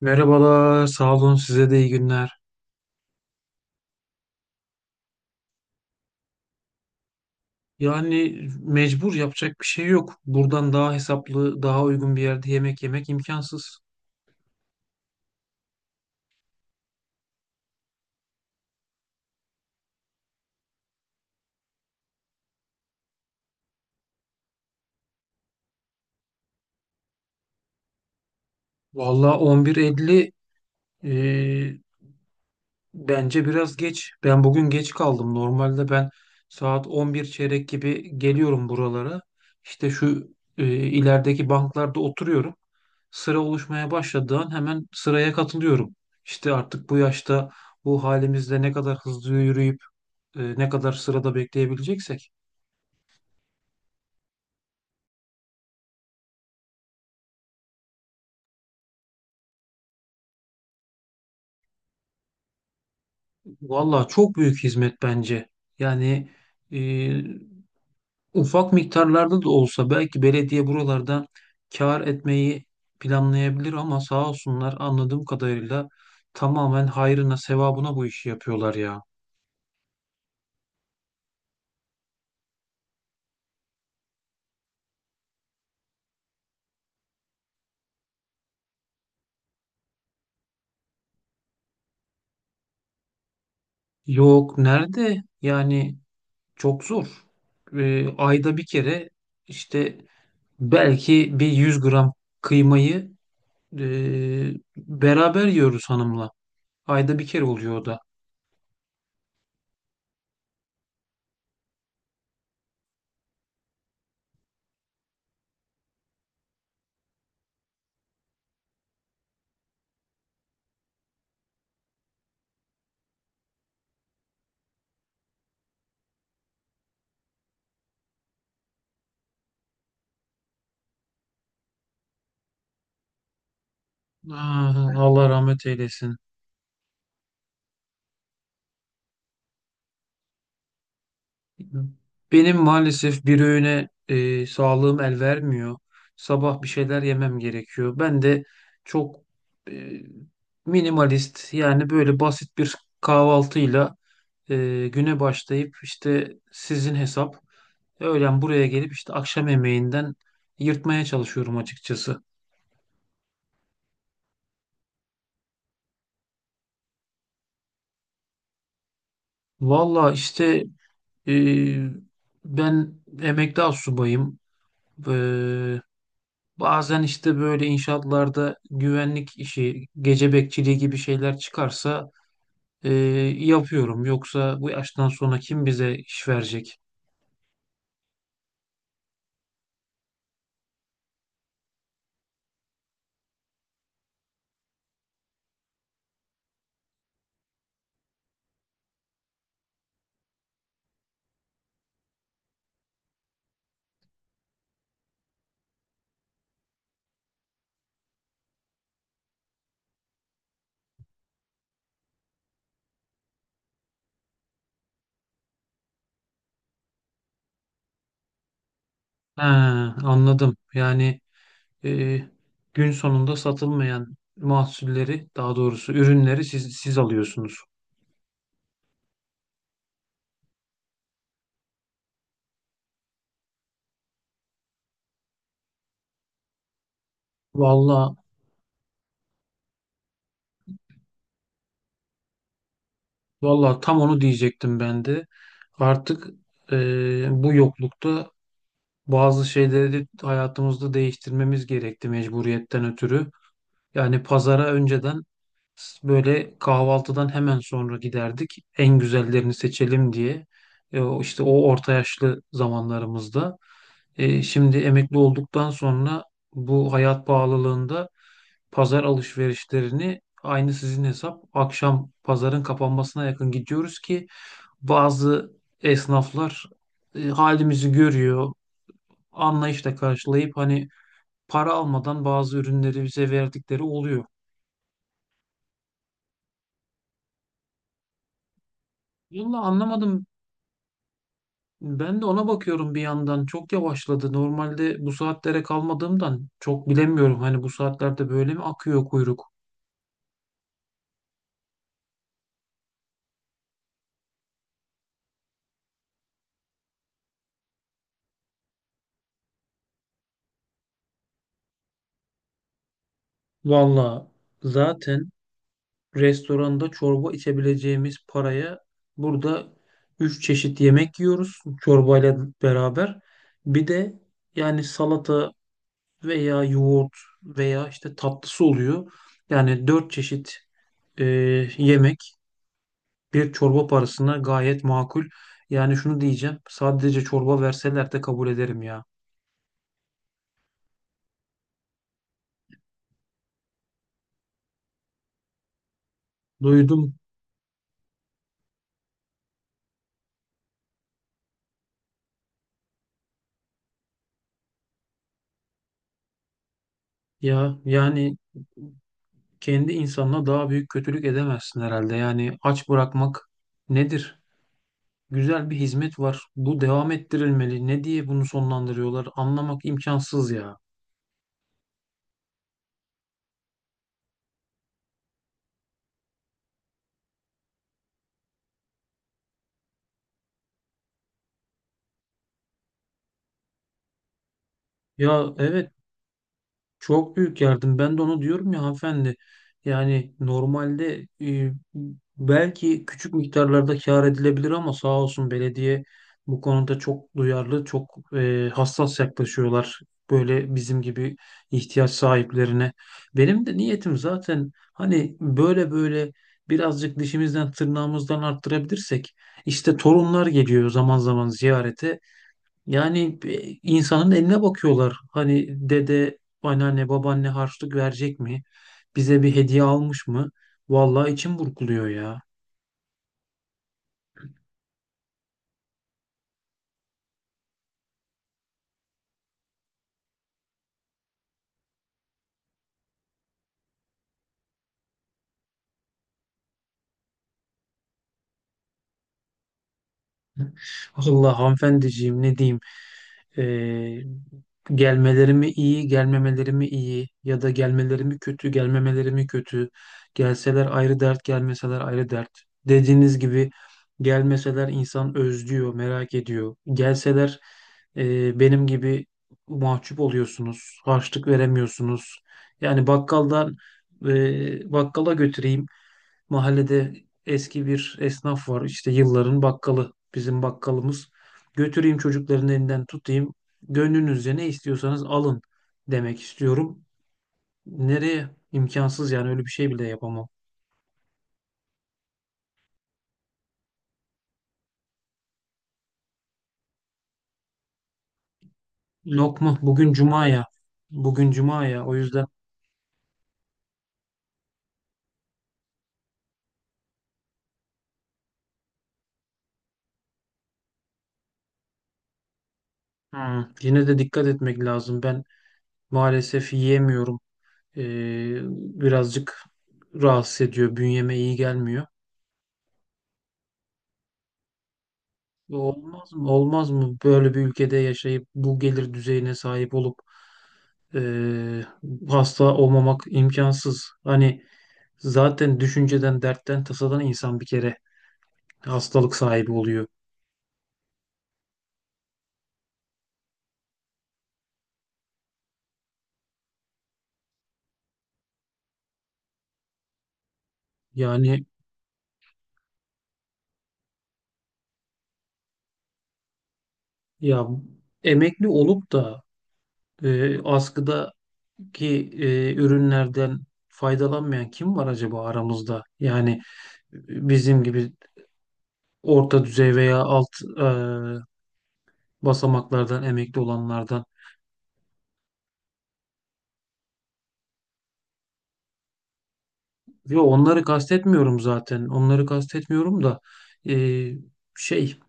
Merhabalar, sağ olun size de iyi günler. Yani mecbur yapacak bir şey yok. Buradan daha hesaplı, daha uygun bir yerde yemek yemek imkansız. Vallahi 11:50 e, bence biraz geç. Ben bugün geç kaldım. Normalde ben saat 11 çeyrek gibi geliyorum buralara. İşte şu ilerideki banklarda oturuyorum. Sıra oluşmaya başladığı an hemen sıraya katılıyorum. İşte artık bu yaşta bu halimizde ne kadar hızlı yürüyüp ne kadar sırada bekleyebileceksek. Valla çok büyük hizmet bence. Yani e, ufak miktarlarda da olsa belki belediye buralarda kâr etmeyi planlayabilir ama sağ olsunlar anladığım kadarıyla tamamen hayrına sevabına bu işi yapıyorlar ya. Yok nerede? Yani çok zor. Ayda bir kere işte belki bir 100 gram kıymayı beraber yiyoruz hanımla. Ayda bir kere oluyor o da. Ah, Allah rahmet eylesin. Benim maalesef bir öğüne sağlığım el vermiyor. Sabah bir şeyler yemem gerekiyor. Ben de çok e, minimalist yani böyle basit bir kahvaltıyla güne başlayıp işte sizin hesap öğlen buraya gelip işte akşam yemeğinden yırtmaya çalışıyorum açıkçası. Valla işte e, ben emekli astsubayım. Ee, Bazen işte böyle inşaatlarda güvenlik işi, gece bekçiliği gibi şeyler çıkarsa e, yapıyorum. Yoksa bu yaştan sonra kim bize iş verecek? Ha, anladım. Yani e, gün sonunda satılmayan mahsulleri, daha doğrusu ürünleri siz alıyorsunuz. Vallahi, vallahi, tam onu diyecektim ben de. Artık e, bu yoklukta bazı şeyleri de hayatımızda değiştirmemiz gerekti mecburiyetten ötürü. Yani pazara önceden böyle kahvaltıdan hemen sonra giderdik. En güzellerini seçelim diye. O işte o orta yaşlı zamanlarımızda. Şimdi emekli olduktan sonra bu hayat pahalılığında pazar alışverişlerini aynı sizin hesap akşam pazarın kapanmasına yakın gidiyoruz ki bazı esnaflar halimizi görüyor, anlayışla karşılayıp hani para almadan bazı ürünleri bize verdikleri oluyor. Vallahi anlamadım. Ben de ona bakıyorum bir yandan. Çok yavaşladı. Normalde bu saatlere kalmadığımdan çok bilemiyorum. Hani bu saatlerde böyle mi akıyor kuyruk? Valla zaten restoranda çorba içebileceğimiz paraya burada üç çeşit yemek yiyoruz çorbayla beraber. Bir de yani salata veya yoğurt veya işte tatlısı oluyor. Yani dört çeşit e, yemek. Bir çorba parasına gayet makul. Yani şunu diyeceğim. Sadece çorba verseler de kabul ederim ya. Duydum ya. Yani kendi insanına daha büyük kötülük edemezsin herhalde. Yani aç bırakmak nedir? Güzel bir hizmet var. Bu devam ettirilmeli. Ne diye bunu sonlandırıyorlar? Anlamak imkansız ya. Ya, evet. Çok büyük yardım. Ben de onu diyorum ya hanımefendi. Yani normalde belki küçük miktarlarda kâr edilebilir ama sağ olsun belediye bu konuda çok duyarlı, çok hassas yaklaşıyorlar. Böyle bizim gibi ihtiyaç sahiplerine. Benim de niyetim zaten hani böyle böyle birazcık dişimizden tırnağımızdan arttırabilirsek işte torunlar geliyor zaman zaman ziyarete. Yani insanın eline bakıyorlar. Hani dede, anneanne, babaanne harçlık verecek mi? Bize bir hediye almış mı? Vallahi içim burkuluyor ya. Vallahi hanımefendiciğim ne diyeyim. Ee, Gelmeleri mi iyi, gelmemeleri mi iyi ya da gelmeleri mi kötü, gelmemeleri mi kötü. Gelseler ayrı dert, gelmeseler ayrı dert. Dediğiniz gibi gelmeseler insan özlüyor, merak ediyor. Gelseler benim gibi mahcup oluyorsunuz, harçlık veremiyorsunuz. Yani bakkala götüreyim. Mahallede eski bir esnaf var. İşte yılların bakkalı. Bizim bakkalımız. Götüreyim çocukların elinden tutayım. Gönlünüzce ne istiyorsanız alın demek istiyorum. Nereye? İmkansız yani öyle bir şey bile yapamam. Lokma bugün cuma ya. Bugün cuma ya. O yüzden hmm, yine de dikkat etmek lazım. Ben maalesef yiyemiyorum. Ee, Birazcık rahatsız ediyor. Bünyeme iyi gelmiyor. Olmaz mı? Olmaz mı böyle bir ülkede yaşayıp bu gelir düzeyine sahip olup eee, hasta olmamak imkansız. Hani zaten düşünceden, dertten, tasadan insan bir kere hastalık sahibi oluyor. Yani ya emekli olup da askıdaki ürünlerden faydalanmayan kim var acaba aramızda? Yani bizim gibi orta düzey veya alt eee, basamaklardan emekli olanlardan. Yo onları kastetmiyorum zaten. Onları kastetmiyorum da e, şey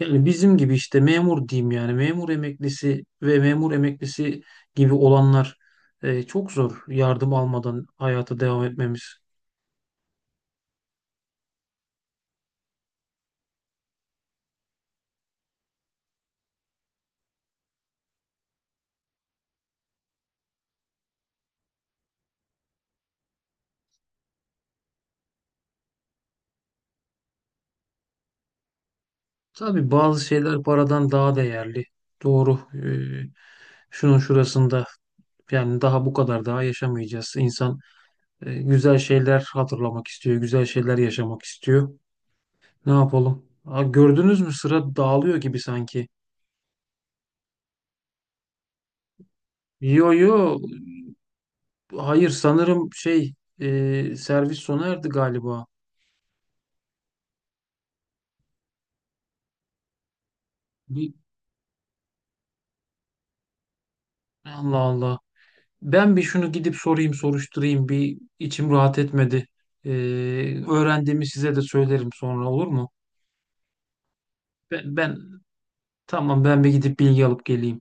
yani bizim gibi işte memur diyeyim yani memur emeklisi ve memur emeklisi gibi olanlar çok zor yardım almadan hayata devam etmemiz. Tabii bazı şeyler paradan daha değerli. Doğru. Şunun şurasında yani daha bu kadar daha yaşamayacağız. İnsan güzel şeyler hatırlamak istiyor, güzel şeyler yaşamak istiyor. Ne yapalım? Aa, gördünüz mü sıra dağılıyor gibi sanki. Yo, yo, hayır sanırım şey servis sona erdi galiba. Bir, Allah Allah. Ben bir şunu gidip sorayım soruşturayım bir içim rahat etmedi. E, Öğrendiğimi size de söylerim sonra olur mu? Ben, tamam ben bir gidip bilgi alıp geleyim.